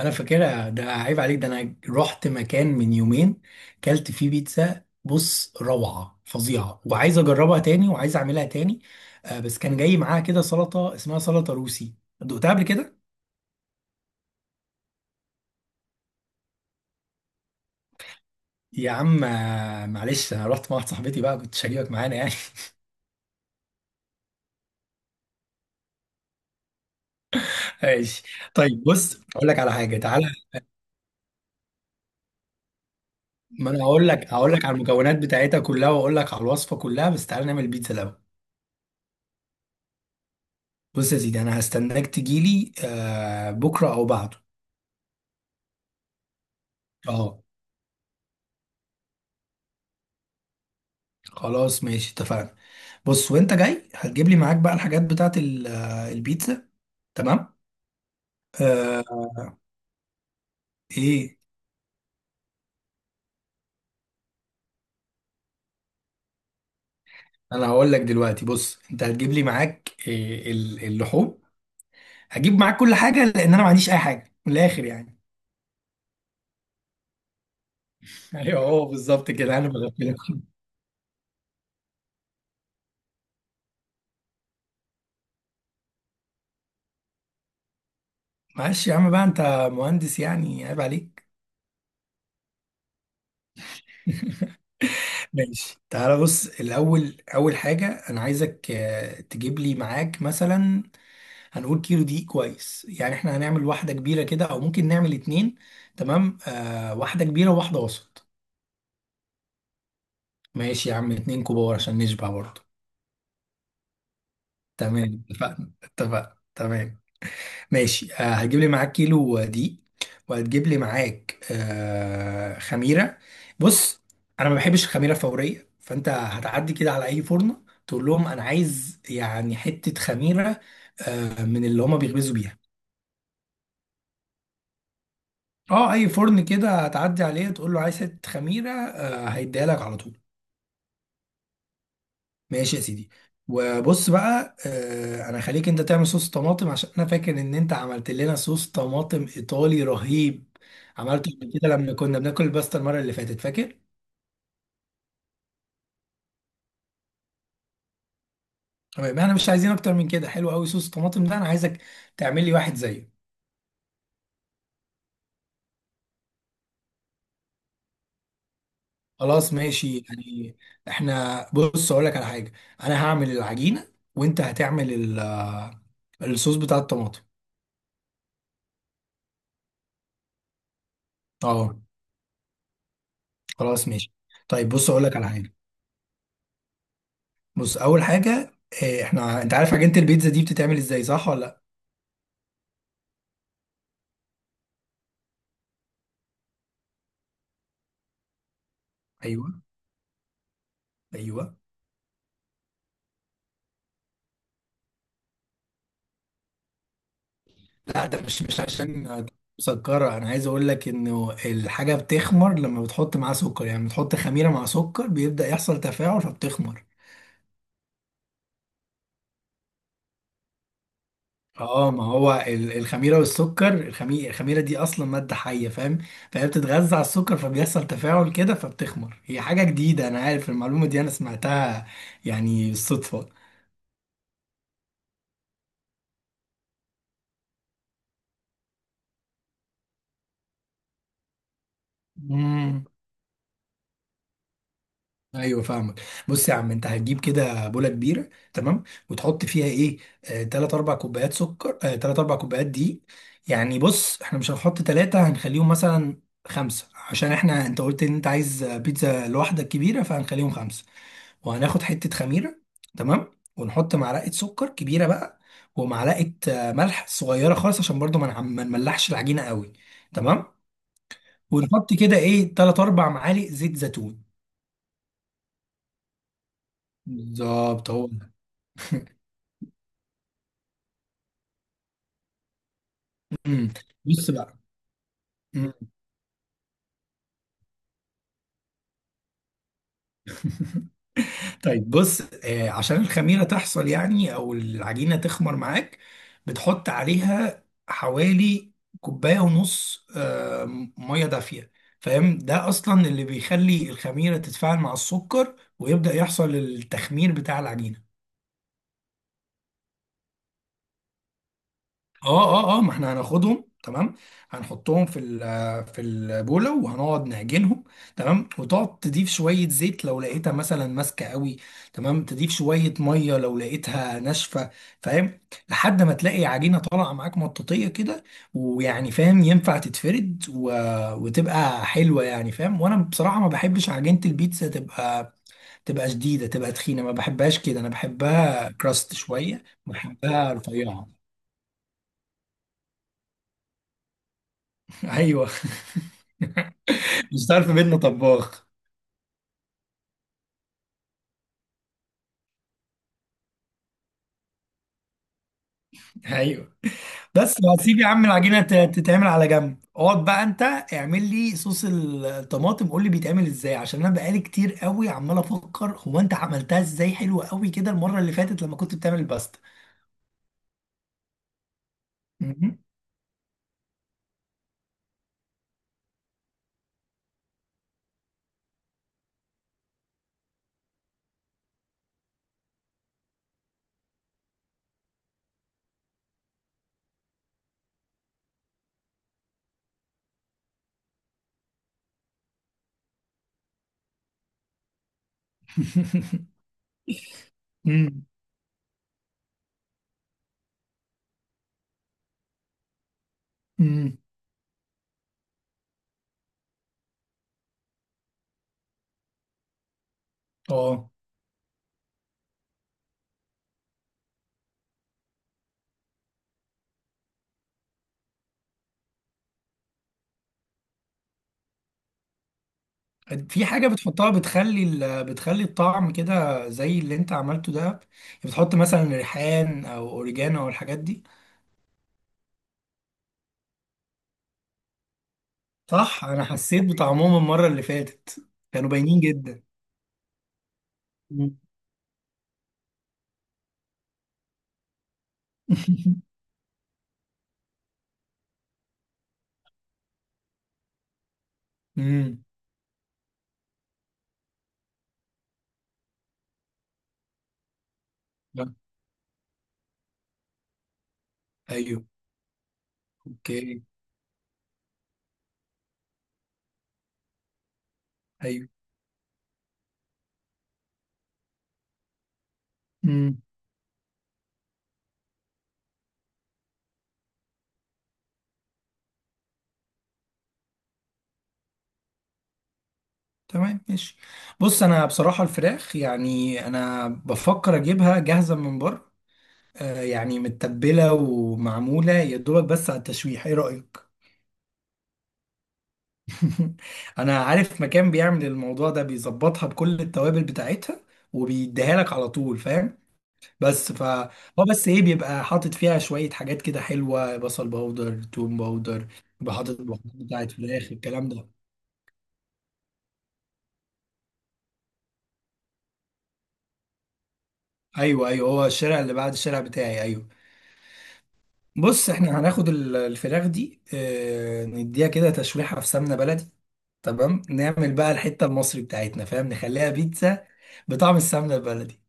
انا فاكرها، ده عيب عليك. ده انا رحت مكان من يومين كلت فيه بيتزا، بص، روعة فظيعة، وعايز اجربها تاني وعايز اعملها تاني. بس كان جاي معاها كده سلطة اسمها سلطة روسي. دقتها قبل كده؟ يا عم معلش، انا رحت مع واحده صاحبتي بقى، كنت شاريك معانا يعني. ماشي. طيب بص اقول لك على حاجه، تعالى. ما انا هقول لك على المكونات بتاعتها كلها، واقول لك على الوصفه كلها، بس تعالى نعمل بيتزا الاول. بص يا سيدي، انا هستناك تجيلي بكره او بعده. اه، خلاص ماشي اتفقنا. بص وانت جاي هتجيب لي معاك بقى الحاجات بتاعت البيتزا. تمام. آه. ايه؟ انا هقول لك دلوقتي، بص انت هتجيب لي معاك إيه، اللحوم. هجيب معاك كل حاجه، لان انا ما عنديش اي حاجه من الاخر يعني. ايوه، هو بالظبط كده، انا بغفلك. معلش يا عم، بقى انت مهندس يعني، عيب عليك. ماشي، تعالى بص، الاول اول حاجه انا عايزك تجيب لي معاك مثلا، هنقول كيلو دقيق كويس، يعني احنا هنعمل واحدة كبيرة كده او ممكن نعمل اتنين. تمام، آه، واحدة كبيرة وواحدة وسط. ماشي يا عم، اتنين كبار عشان نشبع برضه. تمام، اتفقنا اتفقنا، تمام. ماشي آه، هتجيب لي معاك كيلو دقيق، وهتجيب لي معاك خميرة. بص، انا ما بحبش الخميرة فورية، فانت هتعدي كده على اي فرن تقول لهم انا عايز يعني حتة خميرة، من اللي هما بيخبزوا بيها. اه، اي فرن كده هتعدي عليه تقول له عايز حته خميره، هيديها لك على طول. ماشي يا سيدي. وبص بقى، انا خليك انت تعمل صوص طماطم، عشان انا فاكر ان انت عملت لنا صوص طماطم ايطالي رهيب. عملته قبل كده لما كنا بناكل الباستا المره اللي فاتت، فاكر؟ تمام، احنا مش عايزين اكتر من كده، حلو قوي صوص الطماطم ده، انا عايزك تعمل لي واحد زيه. خلاص ماشي يعني. احنا بص اقول لك على حاجه. انا هعمل العجينه، وانت هتعمل الصوص بتاع الطماطم. اه، خلاص ماشي. طيب بص اقول لك على حاجه. بص اول حاجه، احنا انت عارف عجينه البيتزا دي بتتعمل ازاي، صح ولا لا؟ ايوه، ايوه. لا، ده مش عشان مسكره، انا عايز اقول لك انه الحاجه بتخمر لما بتحط معاها سكر، يعني بتحط خميره مع سكر بيبدا يحصل تفاعل فبتخمر. اه، ما هو الخميره والسكر، الخميره دي اصلا ماده حيه، فاهم؟ فهي بتتغذى على السكر، فبيحصل تفاعل كده فبتخمر. هي حاجه جديده، انا عارف المعلومه دي، انا سمعتها يعني بالصدفه. مم. ايوه فاهمك. بص يا عم، انت هتجيب كده بوله كبيره، تمام، وتحط فيها ايه، تلات اربع كوبايات سكر، تلات اربع كوبايات دقيق. يعني بص، احنا مش هنحط تلاتة، هنخليهم مثلا خمسة، عشان احنا انت قلت ان انت عايز بيتزا لوحدك كبيره، فهنخليهم خمسة. وهناخد حته خميره، تمام. ونحط معلقه سكر كبيره بقى، ومعلقه ملح صغيره خالص عشان برضو ما نملحش العجينه قوي. تمام. ونحط كده ايه، تلات اربع معالق زيت زيتون. بالظبط هو ده. امم. بص بقى. مم. طيب بص عشان الخميرة تحصل يعني، او العجينة تخمر معاك، بتحط عليها حوالي كوباية ونص، مية دافية. فاهم؟ ده اصلا اللي بيخلي الخميرة تتفاعل مع السكر، ويبدأ يحصل التخمير بتاع العجينة. اه اه اه، ما احنا هناخدهم، تمام. هنحطهم في البوله، وهنقعد نعجنهم. تمام، وتقعد تضيف شويه زيت لو لقيتها مثلا ماسكه قوي. تمام، تضيف شويه ميه لو لقيتها ناشفه، فاهم؟ لحد ما تلاقي عجينه طالعه معاك مطاطيه كده، ويعني فاهم، ينفع تتفرد وتبقى حلوه يعني، فاهم؟ وانا بصراحه ما بحبش عجينه البيتزا تبقى، شديده، تبقى تخينه. ما بحبهاش كده، انا بحبها كراست شويه، بحبها رفيعه. ايوه. مش تعرف بينا طباخ. ايوه. بس هسيب يا عم العجينه تتعمل على جنب، اقعد بقى انت اعمل لي صوص الطماطم، قول لي بيتعمل ازاي، عشان انا بقالي كتير قوي عمال افكر هو انت عملتها ازاي حلوه قوي كده المره اللي فاتت لما كنت بتعمل الباستا. مهم. مم. مم. اه، في حاجه بتحطها بتخلي الطعم كده زي اللي انت عملته ده يعني، بتحط مثلا ريحان او اوريجانو او الحاجات دي. صح، انا حسيت بطعمهم المره اللي فاتت، كانوا باينين جدا. مم. امم. لا. ايوه. اوكي. ايوه. امم. تمام ماشي. بص انا بصراحه الفراخ، يعني انا بفكر اجيبها جاهزه من بره، آه يعني متبله ومعموله يا دوبك بس على التشويح، ايه رايك؟ انا عارف مكان بيعمل الموضوع ده، بيظبطها بكل التوابل بتاعتها، وبيديها لك على طول، فاهم؟ بس ف هو بس ايه، بيبقى حاطط فيها شوية حاجات كده حلوة، بصل باودر، توم باودر. بيبقى حاطط بهارات بتاعت فراخ، الكلام ده. ايوه ايوه، هو الشارع اللي بعد الشارع بتاعي، ايوه. بص، احنا هناخد الفراخ دي، اه نديها كده تشويحة في سمنة بلدي. تمام، نعمل بقى الحتة المصري بتاعتنا، فاهم، نخليها بيتزا بطعم السمنة البلدي.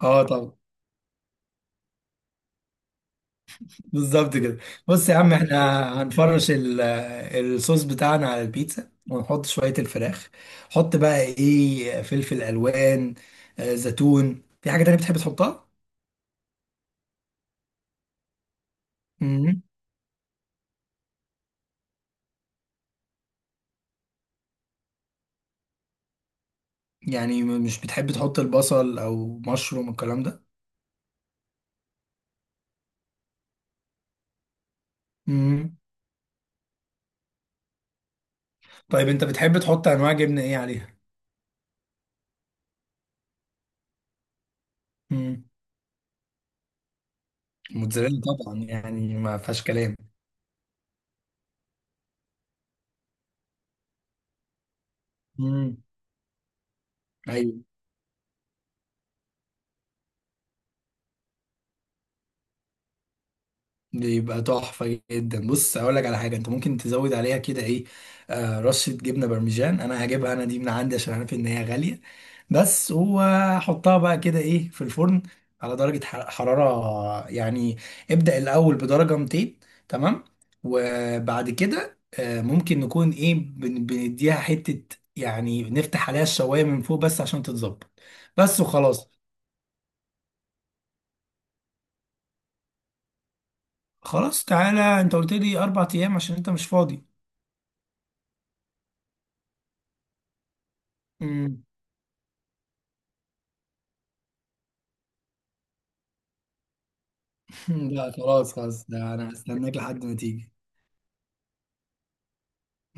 اه طبعا. بالظبط كده. بص يا عم احنا هنفرش الصوص بتاعنا على البيتزا، ونحط شوية الفراخ. حط بقى ايه، فلفل الوان، زيتون، في حاجة تانية بتحب تحطها؟ امم. يعني مش بتحب تحط البصل او مشروم الكلام ده؟ امم. طيب انت بتحب تحط انواع جبنة ايه عليها؟ امم. موتزاريلا طبعا، يعني ما فيهاش كلام. امم. بيبقى تحفة جدا. بص هقول لك على حاجة انت ممكن تزود عليها كده، ايه، آه رشة جبنة برمجان، انا هجيبها انا دي من عندي عشان عارف ان هي غالية. بس وحطها بقى كده ايه في الفرن، على درجة حرارة يعني، ابدأ الاول بدرجة 200. تمام. وبعد كده آه، ممكن نكون ايه، بنديها حتة يعني، نفتح عليها الشواية من فوق بس عشان تتظبط. بس وخلاص. خلاص تعالى انت قلت لي 4 ايام عشان انت مش فاضي. لا خلاص خلاص، ده انا هستناك لحد ما تيجي.